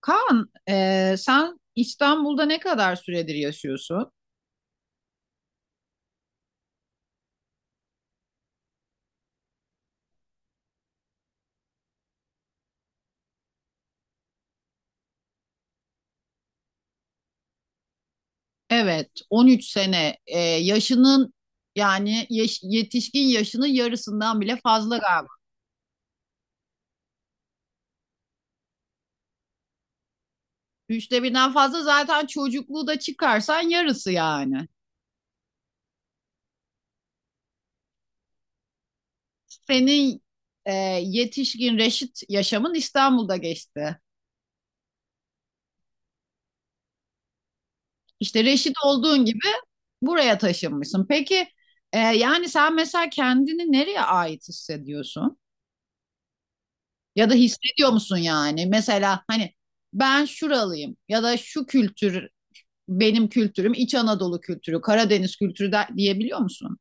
Kaan, sen İstanbul'da ne kadar süredir yaşıyorsun? Evet, 13 sene. Yaşının yetişkin yaşının yarısından bile fazla galiba. Üçte birden fazla, zaten çocukluğu da çıkarsan yarısı yani. Senin e, yetişkin reşit yaşamın İstanbul'da geçti. İşte reşit olduğun gibi buraya taşınmışsın. Peki yani sen mesela kendini nereye ait hissediyorsun? Ya da hissediyor musun yani? Mesela hani ben şuralıyım ya da şu kültür benim kültürüm İç Anadolu kültürü, Karadeniz kültürü de, diyebiliyor musun?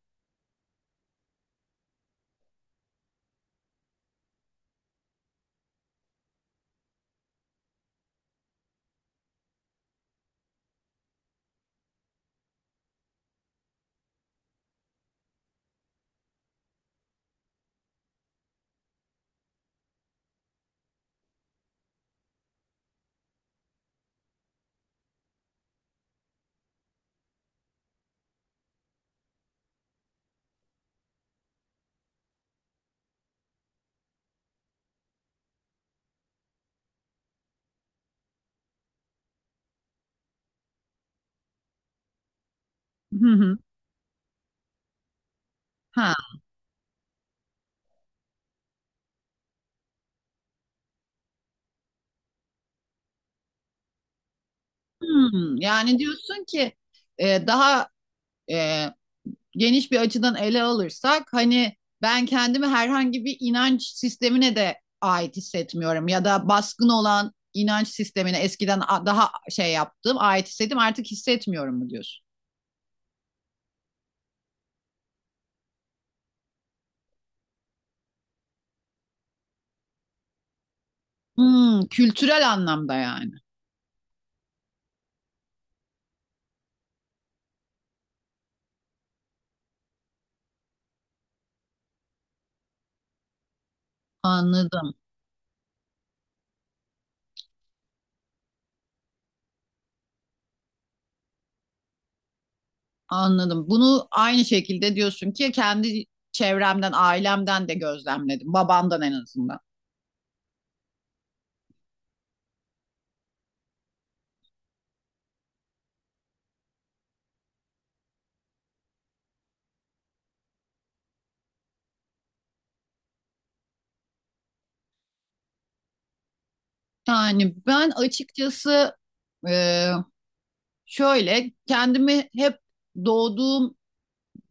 Hı hı. Ha. Hmm, yani diyorsun ki daha e, geniş bir açıdan ele alırsak hani ben kendimi herhangi bir inanç sistemine de ait hissetmiyorum ya da baskın olan inanç sistemine eskiden daha şey yaptım ait hissettim artık hissetmiyorum mu diyorsun? Hmm, kültürel anlamda yani. Anladım. Anladım. Bunu aynı şekilde diyorsun ki kendi çevremden, ailemden de gözlemledim. Babamdan en azından. Yani ben açıkçası e, şöyle kendimi hep doğduğum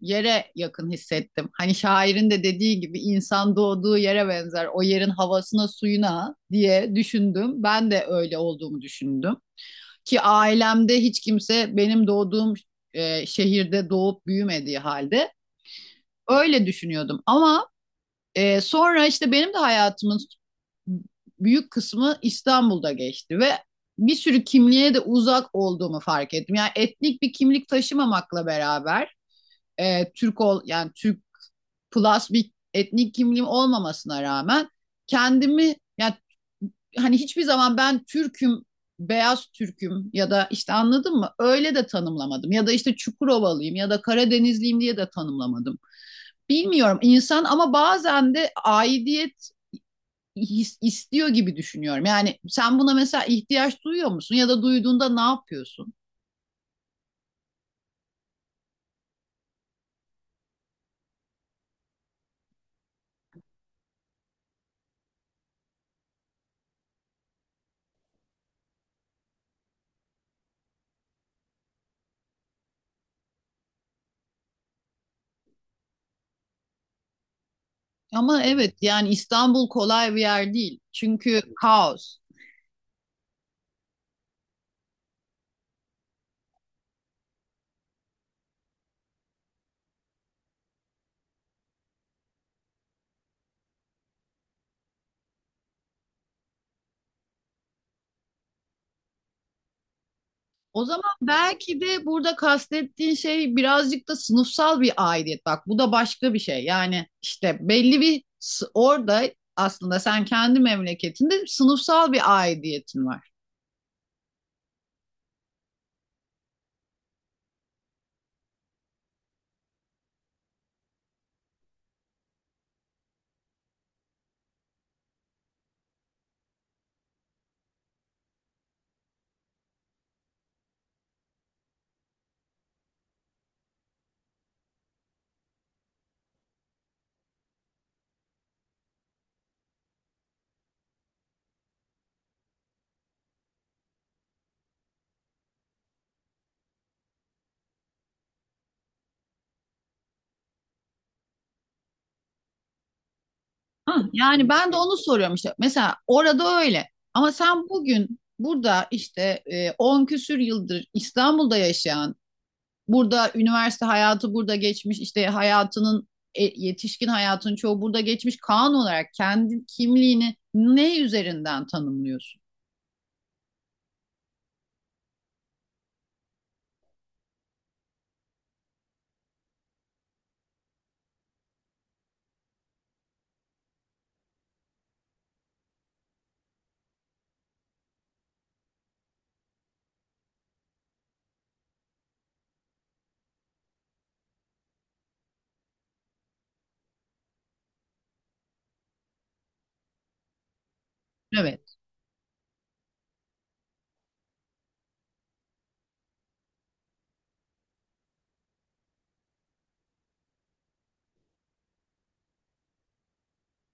yere yakın hissettim. Hani şairin de dediği gibi insan doğduğu yere benzer. O yerin havasına, suyuna diye düşündüm. Ben de öyle olduğumu düşündüm. Ki ailemde hiç kimse benim doğduğum şehirde doğup büyümediği halde öyle düşünüyordum. Ama sonra işte benim de hayatımın büyük kısmı İstanbul'da geçti ve bir sürü kimliğe de uzak olduğumu fark ettim. Yani etnik bir kimlik taşımamakla beraber Türk ol yani Türk plus bir etnik kimliğim olmamasına rağmen kendimi yani hani hiçbir zaman ben Türk'üm, beyaz Türk'üm ya da işte anladın mı? Öyle de tanımlamadım. Ya da işte Çukurovalıyım ya da Karadenizliyim diye de tanımlamadım. Bilmiyorum, insan ama bazen de aidiyet istiyor gibi düşünüyorum. Yani sen buna mesela ihtiyaç duyuyor musun ya da duyduğunda ne yapıyorsun? Ama evet, yani İstanbul kolay bir yer değil. Çünkü kaos. O zaman belki de burada kastettiğin şey birazcık da sınıfsal bir aidiyet. Bak, bu da başka bir şey. Yani işte orada aslında sen kendi memleketinde sınıfsal bir aidiyetin var. Yani ben de onu soruyorum işte. Mesela orada öyle. Ama sen bugün burada işte 10 küsür yıldır İstanbul'da yaşayan, burada üniversite hayatı burada geçmiş, işte hayatının yetişkin hayatının çoğu burada geçmiş kanun olarak kendi kimliğini ne üzerinden tanımlıyorsun? Evet.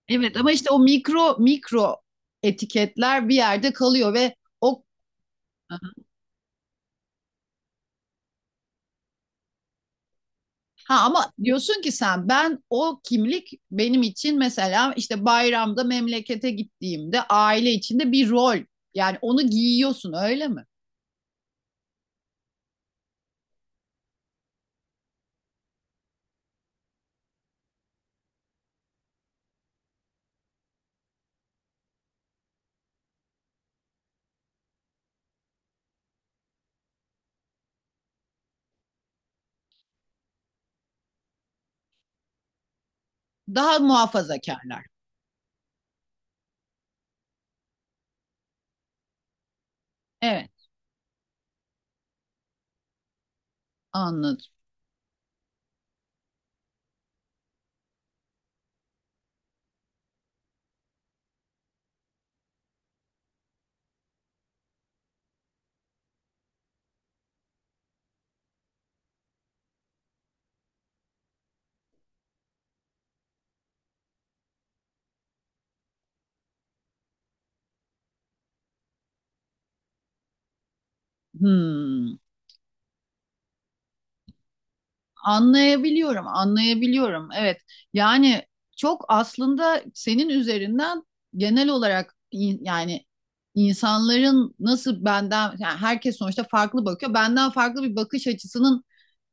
Evet ama işte o mikro etiketler bir yerde kalıyor ve o. Ha ama diyorsun ki sen, ben o kimlik benim için mesela işte bayramda memlekete gittiğimde aile içinde bir rol. Yani onu giyiyorsun öyle mi? Daha muhafazakarlar. Evet, anladım. Hmm. Anlayabiliyorum, anlayabiliyorum. Evet. Yani çok aslında senin üzerinden genel olarak yani insanların nasıl benden yani herkes sonuçta farklı bakıyor. Benden farklı bir bakış açısının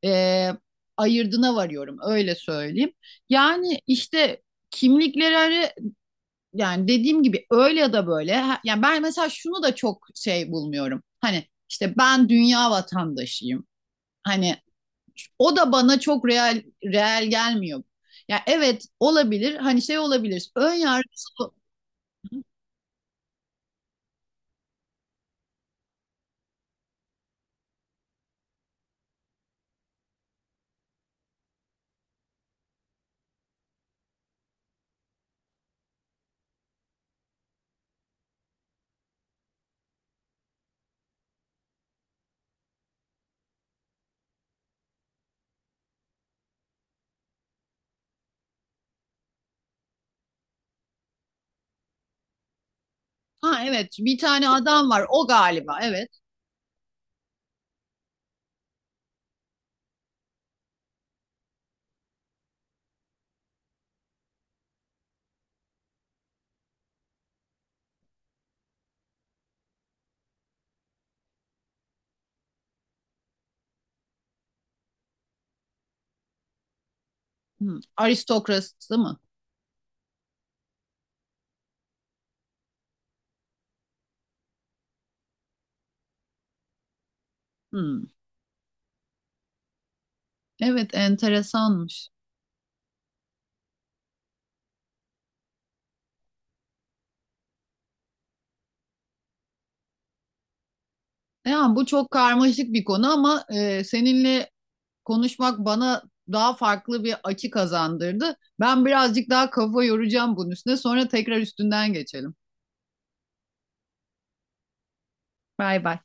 e, ayırdına varıyorum, öyle söyleyeyim. Yani işte kimlikleri arı- yani dediğim gibi öyle ya da böyle. Yani ben mesela şunu da çok şey bulmuyorum. Hani işte ben dünya vatandaşıyım. Hani o da bana çok real gelmiyor. Ya evet, olabilir. Hani şey olabilir. Ön yargısı. Ha evet, bir tane adam var o galiba, evet. Hmm. Aristokrasi mı? Hmm. Evet, enteresanmış. Yani bu çok karmaşık bir konu ama seninle konuşmak bana daha farklı bir açı kazandırdı. Ben birazcık daha kafa yoracağım bunun üstüne. Sonra tekrar üstünden geçelim. Bay bay.